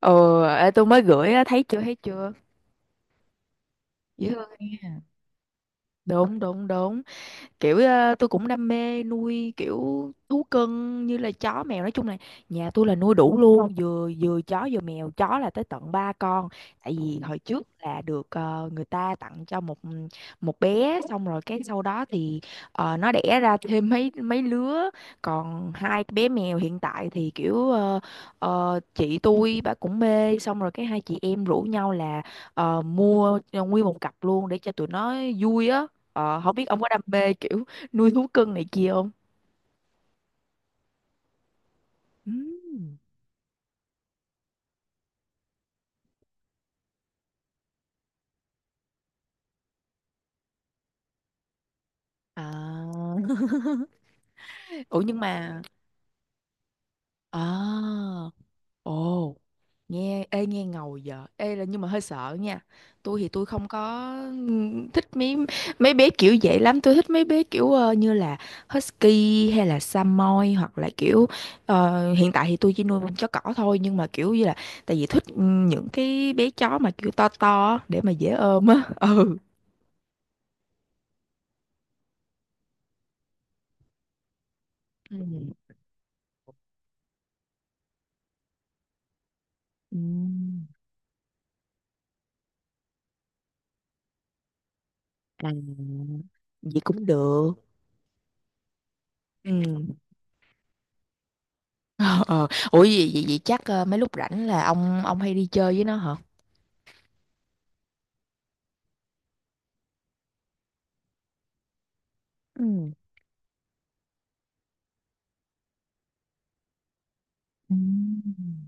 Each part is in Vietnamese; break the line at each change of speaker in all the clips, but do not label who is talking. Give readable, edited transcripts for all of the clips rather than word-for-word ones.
Ờ Ê, tôi mới gửi á, thấy chưa thấy chưa? Dễ thương. Đúng đúng đúng. Kiểu tôi cũng đam mê nuôi kiểu thú cưng như là chó mèo, nói chung là nhà tôi là nuôi đủ luôn, vừa vừa chó vừa mèo, chó là tới tận ba con. Tại vì hồi trước là được người ta tặng cho một một bé, xong rồi cái sau đó thì nó đẻ ra thêm mấy mấy lứa. Còn hai bé mèo hiện tại thì kiểu chị tôi bà cũng mê, xong rồi cái hai chị em rủ nhau là mua nguyên một cặp luôn để cho tụi nó vui á. Không biết ông có đam mê kiểu nuôi thú cưng này kia không? Ừm. À. Ủa nhưng mà à, ồ, nghe ê nghe ngầu giờ ê, là nhưng mà hơi sợ nha. Tôi thì tôi không có thích mấy mấy bé kiểu vậy lắm, tôi thích mấy bé kiểu như là husky hay là samoy, hoặc là kiểu hiện tại thì tôi chỉ nuôi con chó cỏ thôi, nhưng mà kiểu như là tại vì thích những cái bé chó mà kiểu to to á, để mà dễ ôm á. Ừ. Ừ. Ừm. À, vậy cũng được. Ừ. Ờ, ờ. Ủa vậy, vậy, vậy chắc mấy lúc rảnh là ông hay đi chơi với nó hả? Ừ. Ừm.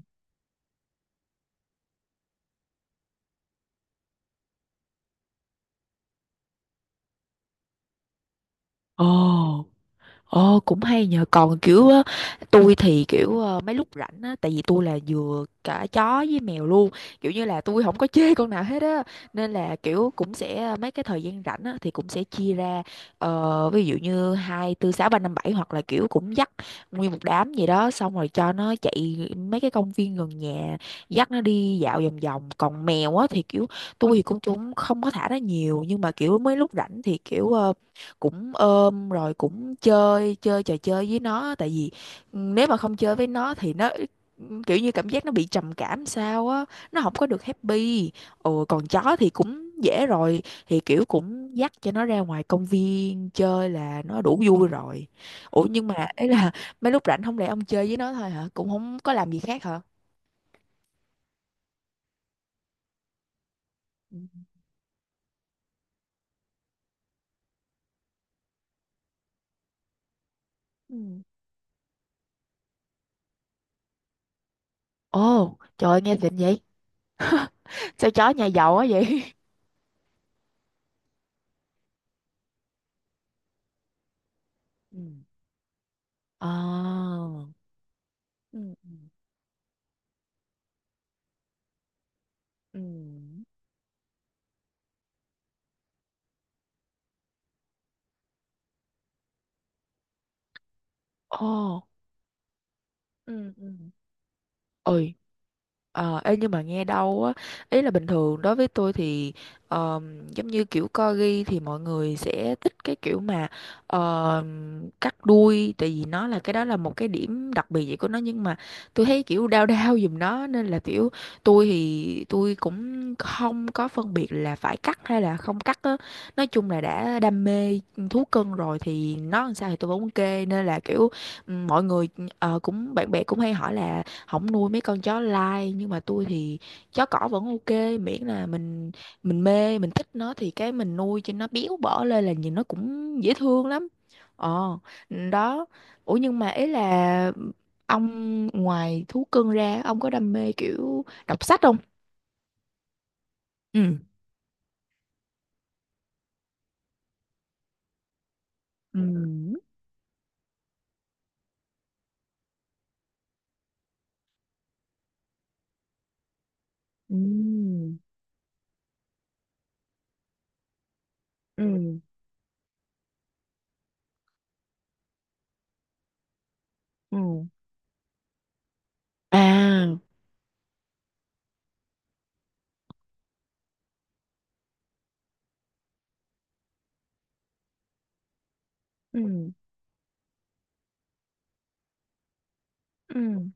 Ồ. Ồ, cũng hay nhờ. Còn kiểu á, tôi thì kiểu mấy lúc rảnh á, tại vì tôi là vừa cả chó với mèo luôn, kiểu như là tôi không có chê con nào hết á. Nên là kiểu cũng sẽ mấy cái thời gian rảnh á thì cũng sẽ chia ra ví dụ như 2, tư, 6, 3, 5, bảy. Hoặc là kiểu cũng dắt nguyên một đám gì đó, xong rồi cho nó chạy mấy cái công viên gần nhà, dắt nó đi dạo vòng vòng. Còn mèo á thì kiểu tôi thì cũng cũng không có thả nó nhiều, nhưng mà kiểu mấy lúc rảnh thì kiểu cũng ôm rồi cũng chơi chơi trò chơi với nó, tại vì ừ, nếu mà không chơi với nó thì nó kiểu như cảm giác nó bị trầm cảm sao á, nó không có được happy. Ừ, còn chó thì cũng dễ rồi, thì kiểu cũng dắt cho nó ra ngoài công viên chơi là nó đủ vui rồi. Ủa nhưng mà ấy là mấy lúc rảnh không lẽ ông chơi với nó thôi hả, cũng không có làm gì khác hả? Ừ. Ừ. Ồ trời ơi, nghe xịn vậy, sao chó nhà giàu quá vậy. Ừ. Ờ. Ừ. Ừ. Ừ. Ồ, ừ ừ ừ. Ờ, ê, nhưng mà nghe đâu á, ý là bình thường đối với tôi thì giống như kiểu corgi thì mọi người sẽ thích cái kiểu mà cắt đuôi, tại vì nó là cái đó là một cái điểm đặc biệt vậy của nó, nhưng mà tôi thấy kiểu đau đau giùm nó, nên là kiểu tôi thì tôi cũng không có phân biệt là phải cắt hay là không cắt á. Nói chung là đã đam mê thú cưng rồi thì nó làm sao thì tôi vẫn ok. Nên là kiểu ừ, mọi người cũng bạn bè cũng hay hỏi là không nuôi mấy con chó lai, nhưng mà tôi thì chó cỏ vẫn ok, miễn là mình mê, mình thích nó thì cái mình nuôi cho nó béo bở lên là nhìn nó cũng dễ thương lắm. Ờ, đó. Ủa nhưng mà ý là ông, ngoài thú cưng ra ông có đam mê kiểu đọc sách không? Ừ ừ ừ ừ ừ. À ừ ừ.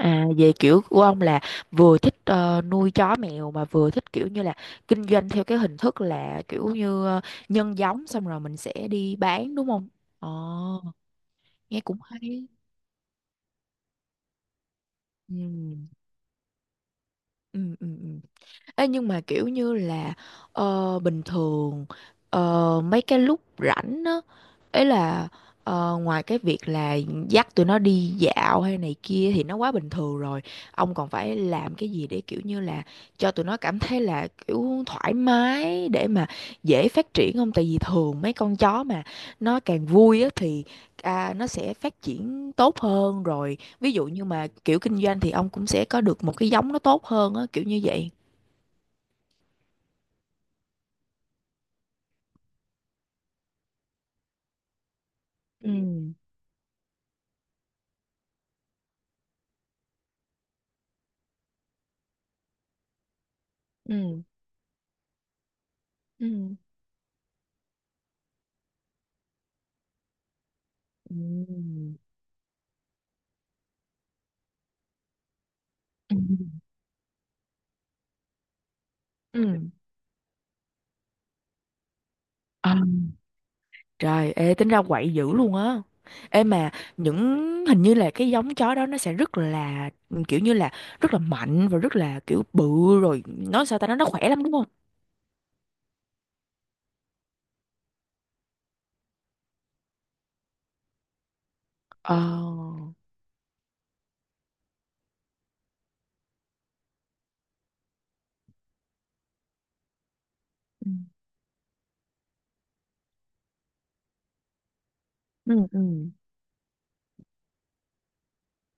À, về kiểu của ông là vừa thích nuôi chó mèo, mà vừa thích kiểu như là kinh doanh theo cái hình thức là kiểu như nhân giống xong rồi mình sẽ đi bán đúng không? Ồ, nghe cũng hay. Ừ, ừ, ừ. Ừ. Ê, nhưng mà kiểu như là bình thường mấy cái lúc rảnh á, ấy là ngoài cái việc là dắt tụi nó đi dạo hay này kia thì nó quá bình thường rồi, ông còn phải làm cái gì để kiểu như là cho tụi nó cảm thấy là kiểu thoải mái để mà dễ phát triển không, tại vì thường mấy con chó mà nó càng vui á thì à, nó sẽ phát triển tốt hơn. Rồi ví dụ như mà kiểu kinh doanh thì ông cũng sẽ có được một cái giống nó tốt hơn á, kiểu như vậy. Ừ ừ ừ. Ừ. Ừ ừ. Ờ, trời, ê, tính ra quậy dữ luôn á. Ê mà những, hình như là cái giống chó đó nó sẽ rất là kiểu như là rất là mạnh và rất là kiểu bự, rồi nó sao ta, nó khỏe lắm đúng không? Ờ. Ừ ừ ừ.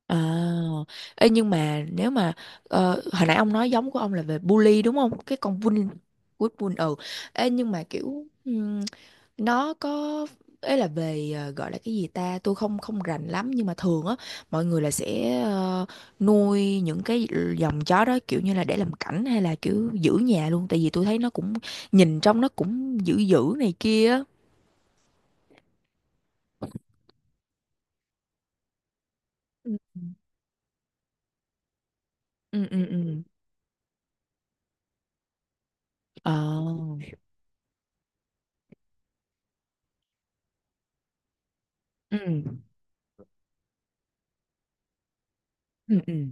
À, ê, nhưng mà nếu mà hồi nãy ông nói giống của ông là về bully đúng không? Cái con bull bull bull ừ. Ê, nhưng mà kiểu nó có, ấy là về gọi là cái gì ta, tôi không không rành lắm, nhưng mà thường á mọi người là sẽ nuôi những cái dòng chó đó kiểu như là để làm cảnh hay là kiểu giữ nhà luôn, tại vì tôi thấy nó cũng nhìn trong nó cũng dữ dữ này kia á. Ừ ừ ừ ừ. Ờ. Ừ ừ ừ.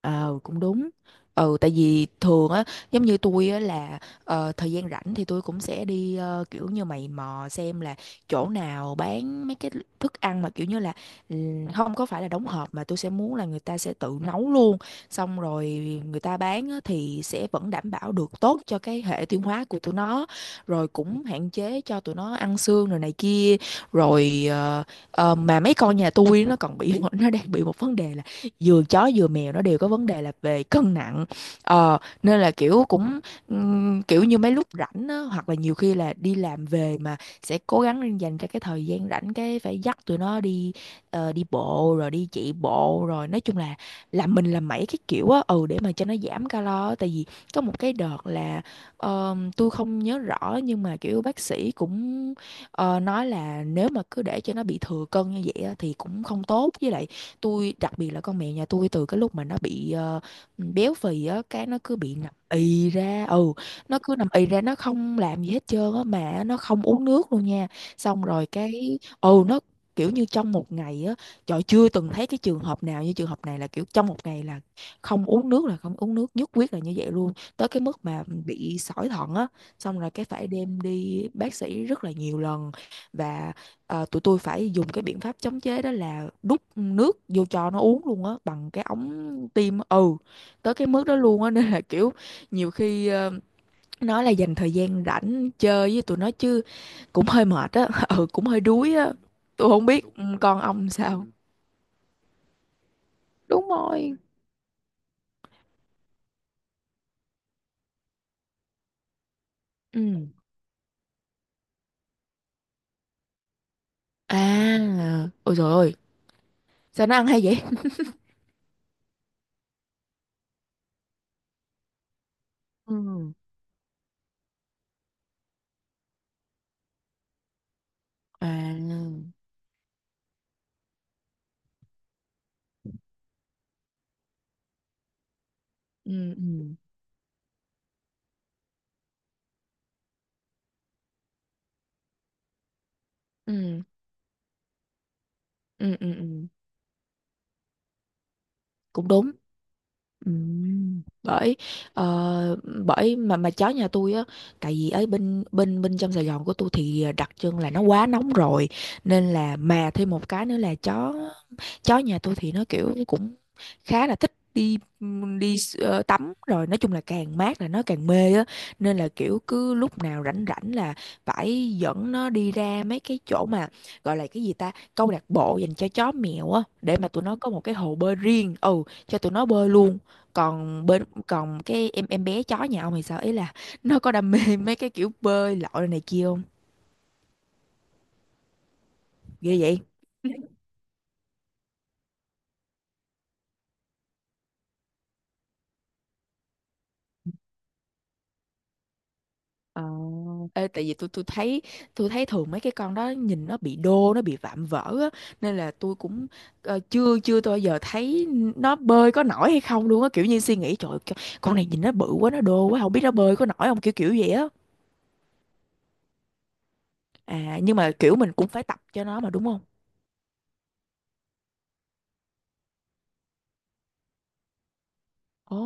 Ờ cũng đúng. Ừ, tại vì thường á giống như tôi á là thời gian rảnh thì tôi cũng sẽ đi kiểu như mày mò xem là chỗ nào bán mấy cái thức ăn mà kiểu như là không có phải là đóng hộp, mà tôi sẽ muốn là người ta sẽ tự nấu luôn, xong rồi người ta bán á, thì sẽ vẫn đảm bảo được tốt cho cái hệ tiêu hóa của tụi nó, rồi cũng hạn chế cho tụi nó ăn xương rồi này kia, rồi mà mấy con nhà tôi nó còn bị nó đang bị một vấn đề là vừa chó vừa mèo nó đều có vấn đề là về cân nặng. Ờ nên là kiểu cũng kiểu như mấy lúc rảnh á, hoặc là nhiều khi là đi làm về mà sẽ cố gắng dành ra cái thời gian rảnh, cái phải dắt tụi nó đi đi bộ rồi đi chạy bộ rồi, nói chung là làm mình làm mấy cái kiểu á, ừ, để mà cho nó giảm calo á. Tại vì có một cái đợt là tôi không nhớ rõ, nhưng mà kiểu bác sĩ cũng Ờ, nói là nếu mà cứ để cho nó bị thừa cân như vậy á thì cũng không tốt, với lại tôi đặc biệt là con mèo nhà tôi, từ cái lúc mà nó bị béo phì á, cái nó cứ bị nằm ì ra. Ừ, nó cứ nằm ì ra, nó không làm gì hết trơn á, mà nó không uống nước luôn nha. Xong rồi cái ừ, nó kiểu như trong một ngày á, trời chưa từng thấy cái trường hợp nào như trường hợp này là kiểu trong một ngày là không uống nước là không uống nước, nhất quyết là như vậy luôn, tới cái mức mà bị sỏi thận á. Xong rồi cái phải đem đi bác sĩ rất là nhiều lần. Và tụi tôi phải dùng cái biện pháp chống chế đó là đút nước vô cho nó uống luôn á, bằng cái ống tiêm. Ừ, tới cái mức đó luôn á. Nên là kiểu nhiều khi nói là dành thời gian rảnh chơi với tụi nó chứ cũng hơi mệt á, ừ, cũng hơi đuối á. Tôi không biết ừ, con ông sao. Ừ. Đúng rồi. Ừ. À ôi trời ơi, sao nó ăn hay vậy. Ừ. À. Ừ ừ ừ ừ ừ ừ. Cũng đúng. Bởi ờ, bởi mà chó nhà tôi á, tại vì ở bên bên bên trong Sài Gòn của tôi thì đặc trưng là nó quá nóng rồi, nên là mà thêm một cái nữa là chó chó nhà tôi thì nó kiểu cũng khá là thích đi đi tắm, rồi nói chung là càng mát là nó càng mê á. Nên là kiểu cứ lúc nào rảnh rảnh là phải dẫn nó đi ra mấy cái chỗ mà gọi là cái gì ta, câu lạc bộ dành cho chó mèo á, để mà tụi nó có một cái hồ bơi riêng, ừ, cho tụi nó bơi luôn. Còn bên, còn cái em bé chó nhà ông thì sao, ý là nó có đam mê mấy cái kiểu bơi lội này kia không? Ghê vậy. Ê, tại vì tôi thấy, tôi thấy thường mấy cái con đó nhìn nó bị đô, nó bị vạm vỡ á, nên là tôi cũng chưa chưa tôi bao giờ thấy nó bơi có nổi hay không luôn á, kiểu như suy nghĩ trời ơi, con này nhìn nó bự quá, nó đô quá, không biết nó bơi có nổi không, kiểu kiểu vậy á. À nhưng mà kiểu mình cũng phải tập cho nó mà đúng không? Ồ.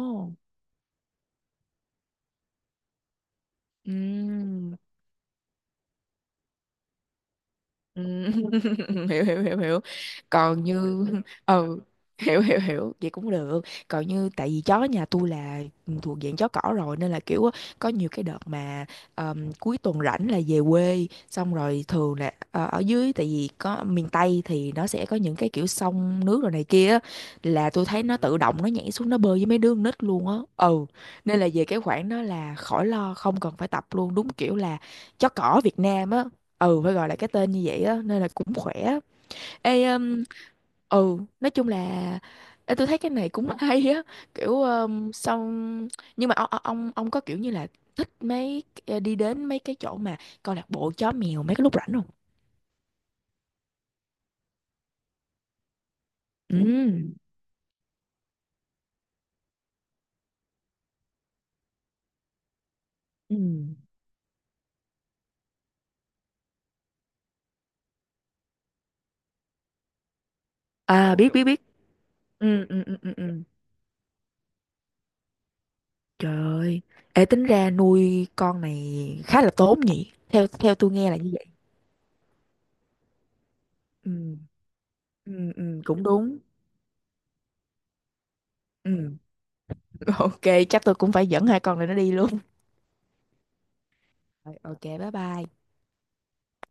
Oh. Ừ, hiểu hiểu hiểu hiểu. Còn như ừ, hiểu hiểu hiểu, vậy cũng được. Còn như tại vì chó nhà tôi là thuộc dạng chó cỏ rồi, nên là kiểu á, có nhiều cái đợt mà cuối tuần rảnh là về quê, xong rồi thường là ở dưới tại vì có miền Tây thì nó sẽ có những cái kiểu sông nước rồi này kia á, là tôi thấy nó tự động nó nhảy xuống nó bơi với mấy đứa con nít luôn á. Ừ, nên là về cái khoản đó là khỏi lo, không cần phải tập luôn, đúng kiểu là chó cỏ Việt Nam á. Ừ, phải gọi là cái tên như vậy á, nên là cũng khỏe. Ê, ừ nói chung là ê, tôi thấy cái này cũng hay á, kiểu xong nhưng mà ông có kiểu như là thích mấy đi đến mấy cái chỗ mà câu lạc bộ chó mèo mấy cái lúc rảnh không? Ừ. Ừ. À biết biết biết. Ừ, ừ, ừ, ừ. Ừ. Trời ơi. Ê, tính ra nuôi con này khá là tốn nhỉ, theo theo tôi nghe là như vậy. Ừ. Ừ, ừ, cũng đúng. Ừ. Ok. Chắc tôi cũng phải dẫn hai con này nó đi luôn. Rồi, ok, bye bye.